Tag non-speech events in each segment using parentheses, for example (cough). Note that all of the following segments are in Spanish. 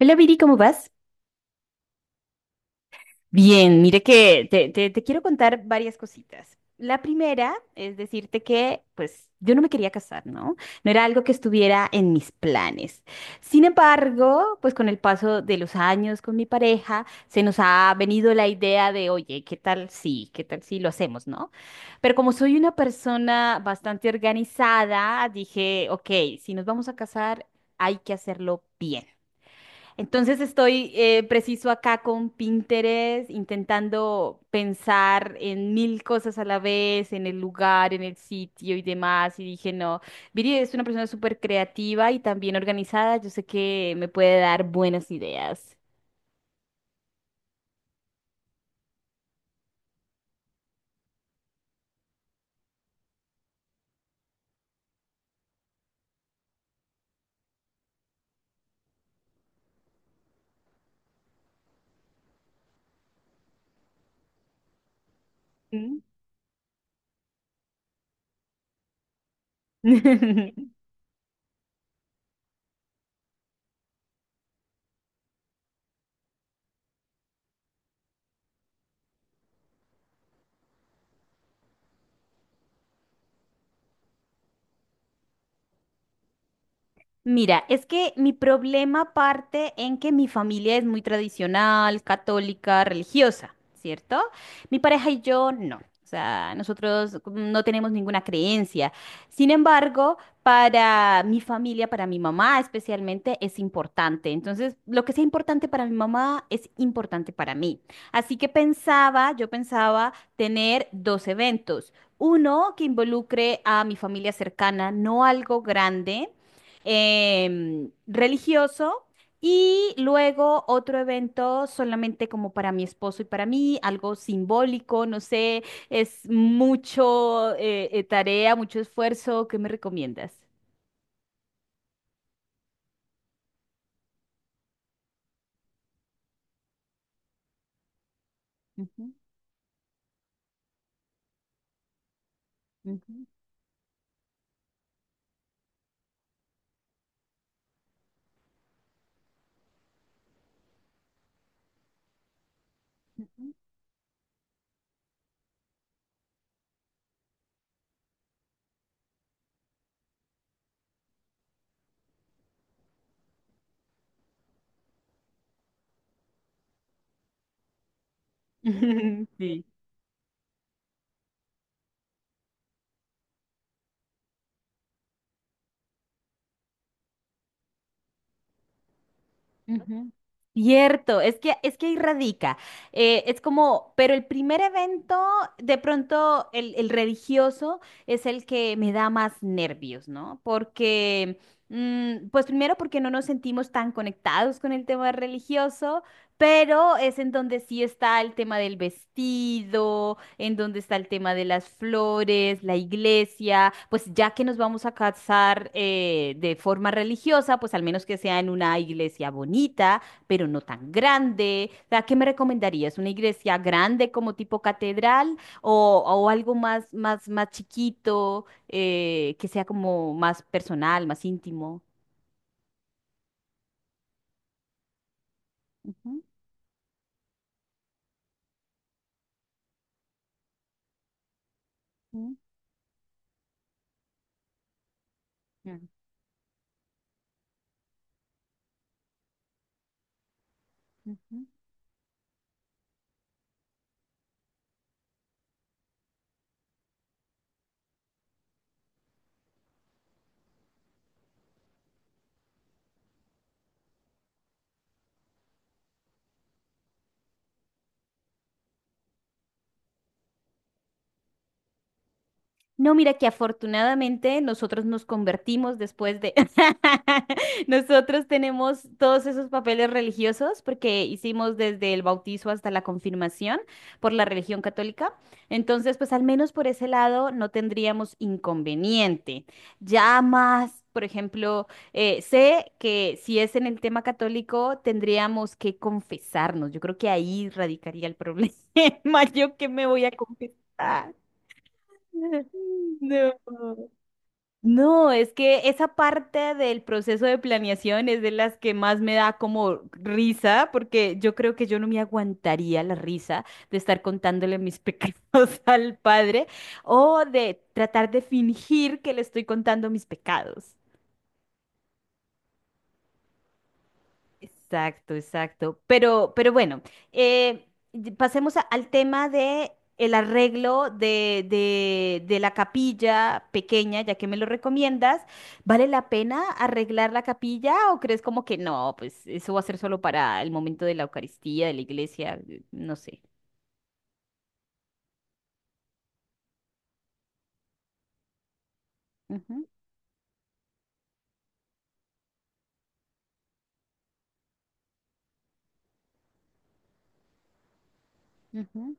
Hola Viri, ¿cómo vas? Bien, mire que te quiero contar varias cositas. La primera es decirte que, pues, yo no me quería casar, ¿no? No era algo que estuviera en mis planes. Sin embargo, pues con el paso de los años con mi pareja, se nos ha venido la idea de, oye, ¿qué tal si lo hacemos, ¿no? Pero como soy una persona bastante organizada, dije, ok, si nos vamos a casar, hay que hacerlo bien. Entonces estoy preciso acá con Pinterest, intentando pensar en mil cosas a la vez, en el lugar, en el sitio y demás. Y dije, no, Viri es una persona súper creativa y también organizada. Yo sé que me puede dar buenas ideas. ¿Mm? (laughs) Mira, es que mi problema parte en que mi familia es muy tradicional, católica, religiosa, ¿cierto? Mi pareja y yo no. O sea, nosotros no tenemos ninguna creencia. Sin embargo, para mi familia, para mi mamá especialmente, es importante. Entonces, lo que sea importante para mi mamá es importante para mí. Así que pensaba, yo pensaba tener dos eventos. Uno que involucre a mi familia cercana, no algo grande religioso, y luego otro evento solamente como para mi esposo y para mí, algo simbólico, no sé, es mucho tarea, mucho esfuerzo. ¿Qué me recomiendas? Ujú, ujú, ujú. (laughs) Sí. Ujú. Cierto, es que ahí radica. Es como, pero el primer evento, de pronto el religioso es el que me da más nervios, ¿no? Porque, mm, pues primero porque no nos sentimos tan conectados con el tema religioso, pero es en donde sí está el tema del vestido, en donde está el tema de las flores, la iglesia, pues ya que nos vamos a casar de forma religiosa, pues al menos que sea en una iglesia bonita, pero no tan grande. O sea, ¿qué me recomendarías? ¿Una iglesia grande como tipo catedral o algo más chiquito, que sea como más personal, más íntimo? Ujú, ujú, ujú. Ujú. No, mira que afortunadamente nosotros nos convertimos después de... (laughs) Nosotros tenemos todos esos papeles religiosos porque hicimos desde el bautizo hasta la confirmación por la religión católica. Entonces, pues al menos por ese lado no tendríamos inconveniente. Ya más, por ejemplo, sé que si es en el tema católico, tendríamos que confesarnos. Yo creo que ahí radicaría el problema. (laughs) ¿Yo que me voy a confesar? No. No, es que esa parte del proceso de planeación es de las que más me da como risa, porque yo creo que yo no me aguantaría la risa de estar contándole mis pecados (laughs) al padre o de tratar de fingir que le estoy contando mis pecados. Exacto, exacto. Pero bueno, eh, y pasemos al tema de el arreglo de la capilla pequeña, ya que me lo recomiendas. ¿Vale la pena arreglar la capilla o crees como que no? Pues eso va a ser solo para el momento de la Eucaristía, de la iglesia, no sé. Ujú, ujú.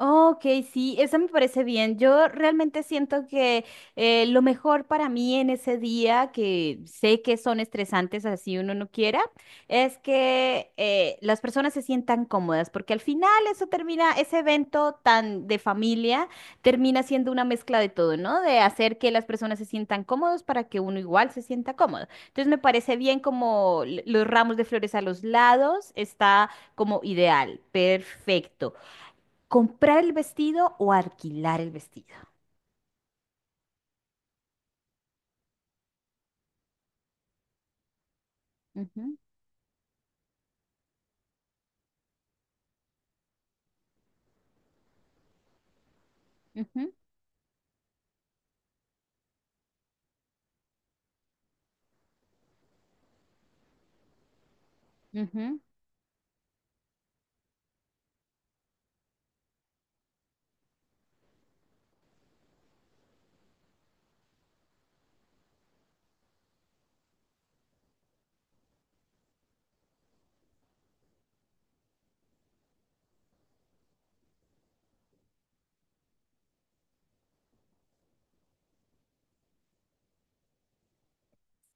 Ok, sí, eso me parece bien. Yo realmente siento que lo mejor para mí en ese día, que sé que son estresantes así uno no quiera, es que las personas se sientan cómodas, porque al final eso termina, ese evento tan de familia termina siendo una mezcla de todo, ¿no? De hacer que las personas se sientan cómodos para que uno igual se sienta cómodo. Entonces me parece bien como los ramos de flores a los lados, está como ideal, perfecto. ¿Comprar el vestido o alquilar el vestido? Ujú, ujú, ujú.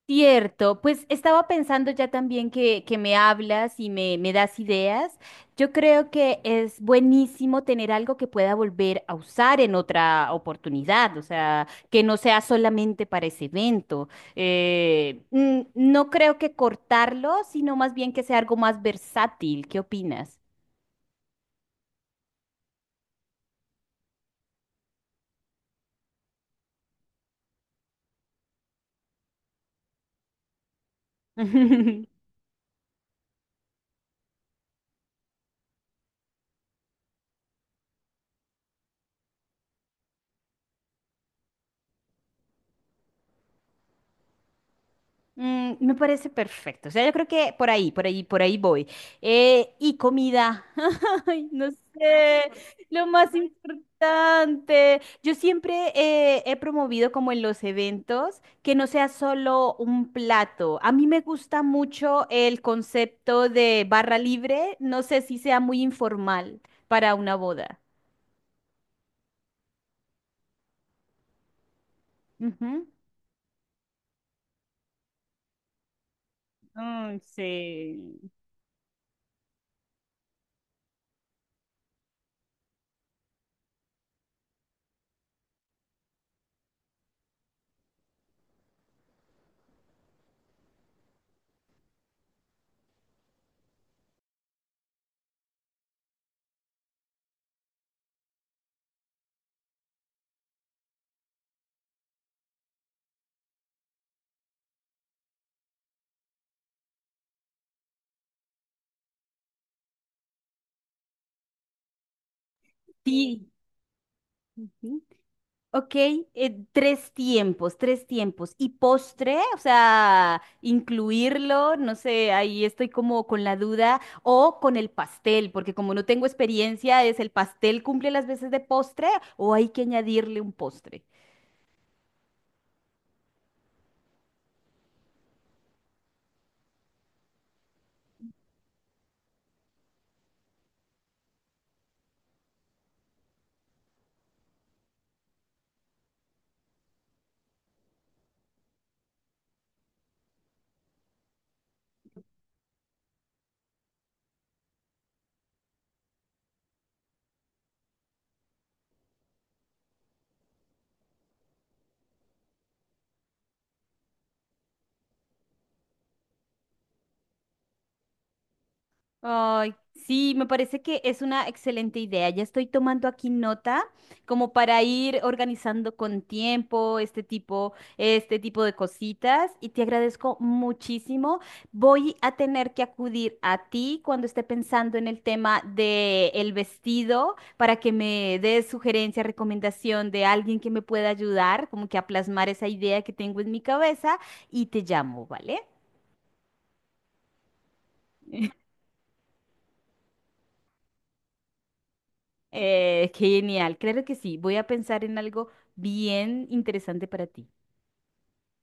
Cierto, pues estaba pensando ya también que me hablas y me das ideas. Yo creo que es buenísimo tener algo que pueda volver a usar en otra oportunidad, o sea, que no sea solamente para ese evento. Mm, no creo que cortarlo, sino más bien que sea algo más versátil. ¿Qué opinas? (laughs) Mm, me parece perfecto. O sea, yo creo que por ahí voy. Y comida. (laughs) Ay, no sé, lo más importante. Yo siempre he promovido como en los eventos que no sea solo un plato. A mí me gusta mucho el concepto de barra libre. No sé si sea muy informal para una boda. Ujú. Ay, sí. Sí. Ujú. Ok, tres tiempos. ¿Y postre? O sea, incluirlo, no sé, ahí estoy como con la duda. O con el pastel, porque como no tengo experiencia, ¿es el pastel cumple las veces de postre o hay que añadirle un postre? Ay, sí, me parece que es una excelente idea. Ya estoy tomando aquí nota como para ir organizando con tiempo este tipo de cositas y te agradezco muchísimo. Voy a tener que acudir a ti cuando esté pensando en el tema de el vestido para que me des sugerencia, recomendación de alguien que me pueda ayudar, como que a plasmar esa idea que tengo en mi cabeza y te llamo, ¿vale? Genial, claro que sí. Voy a pensar en algo bien interesante para ti.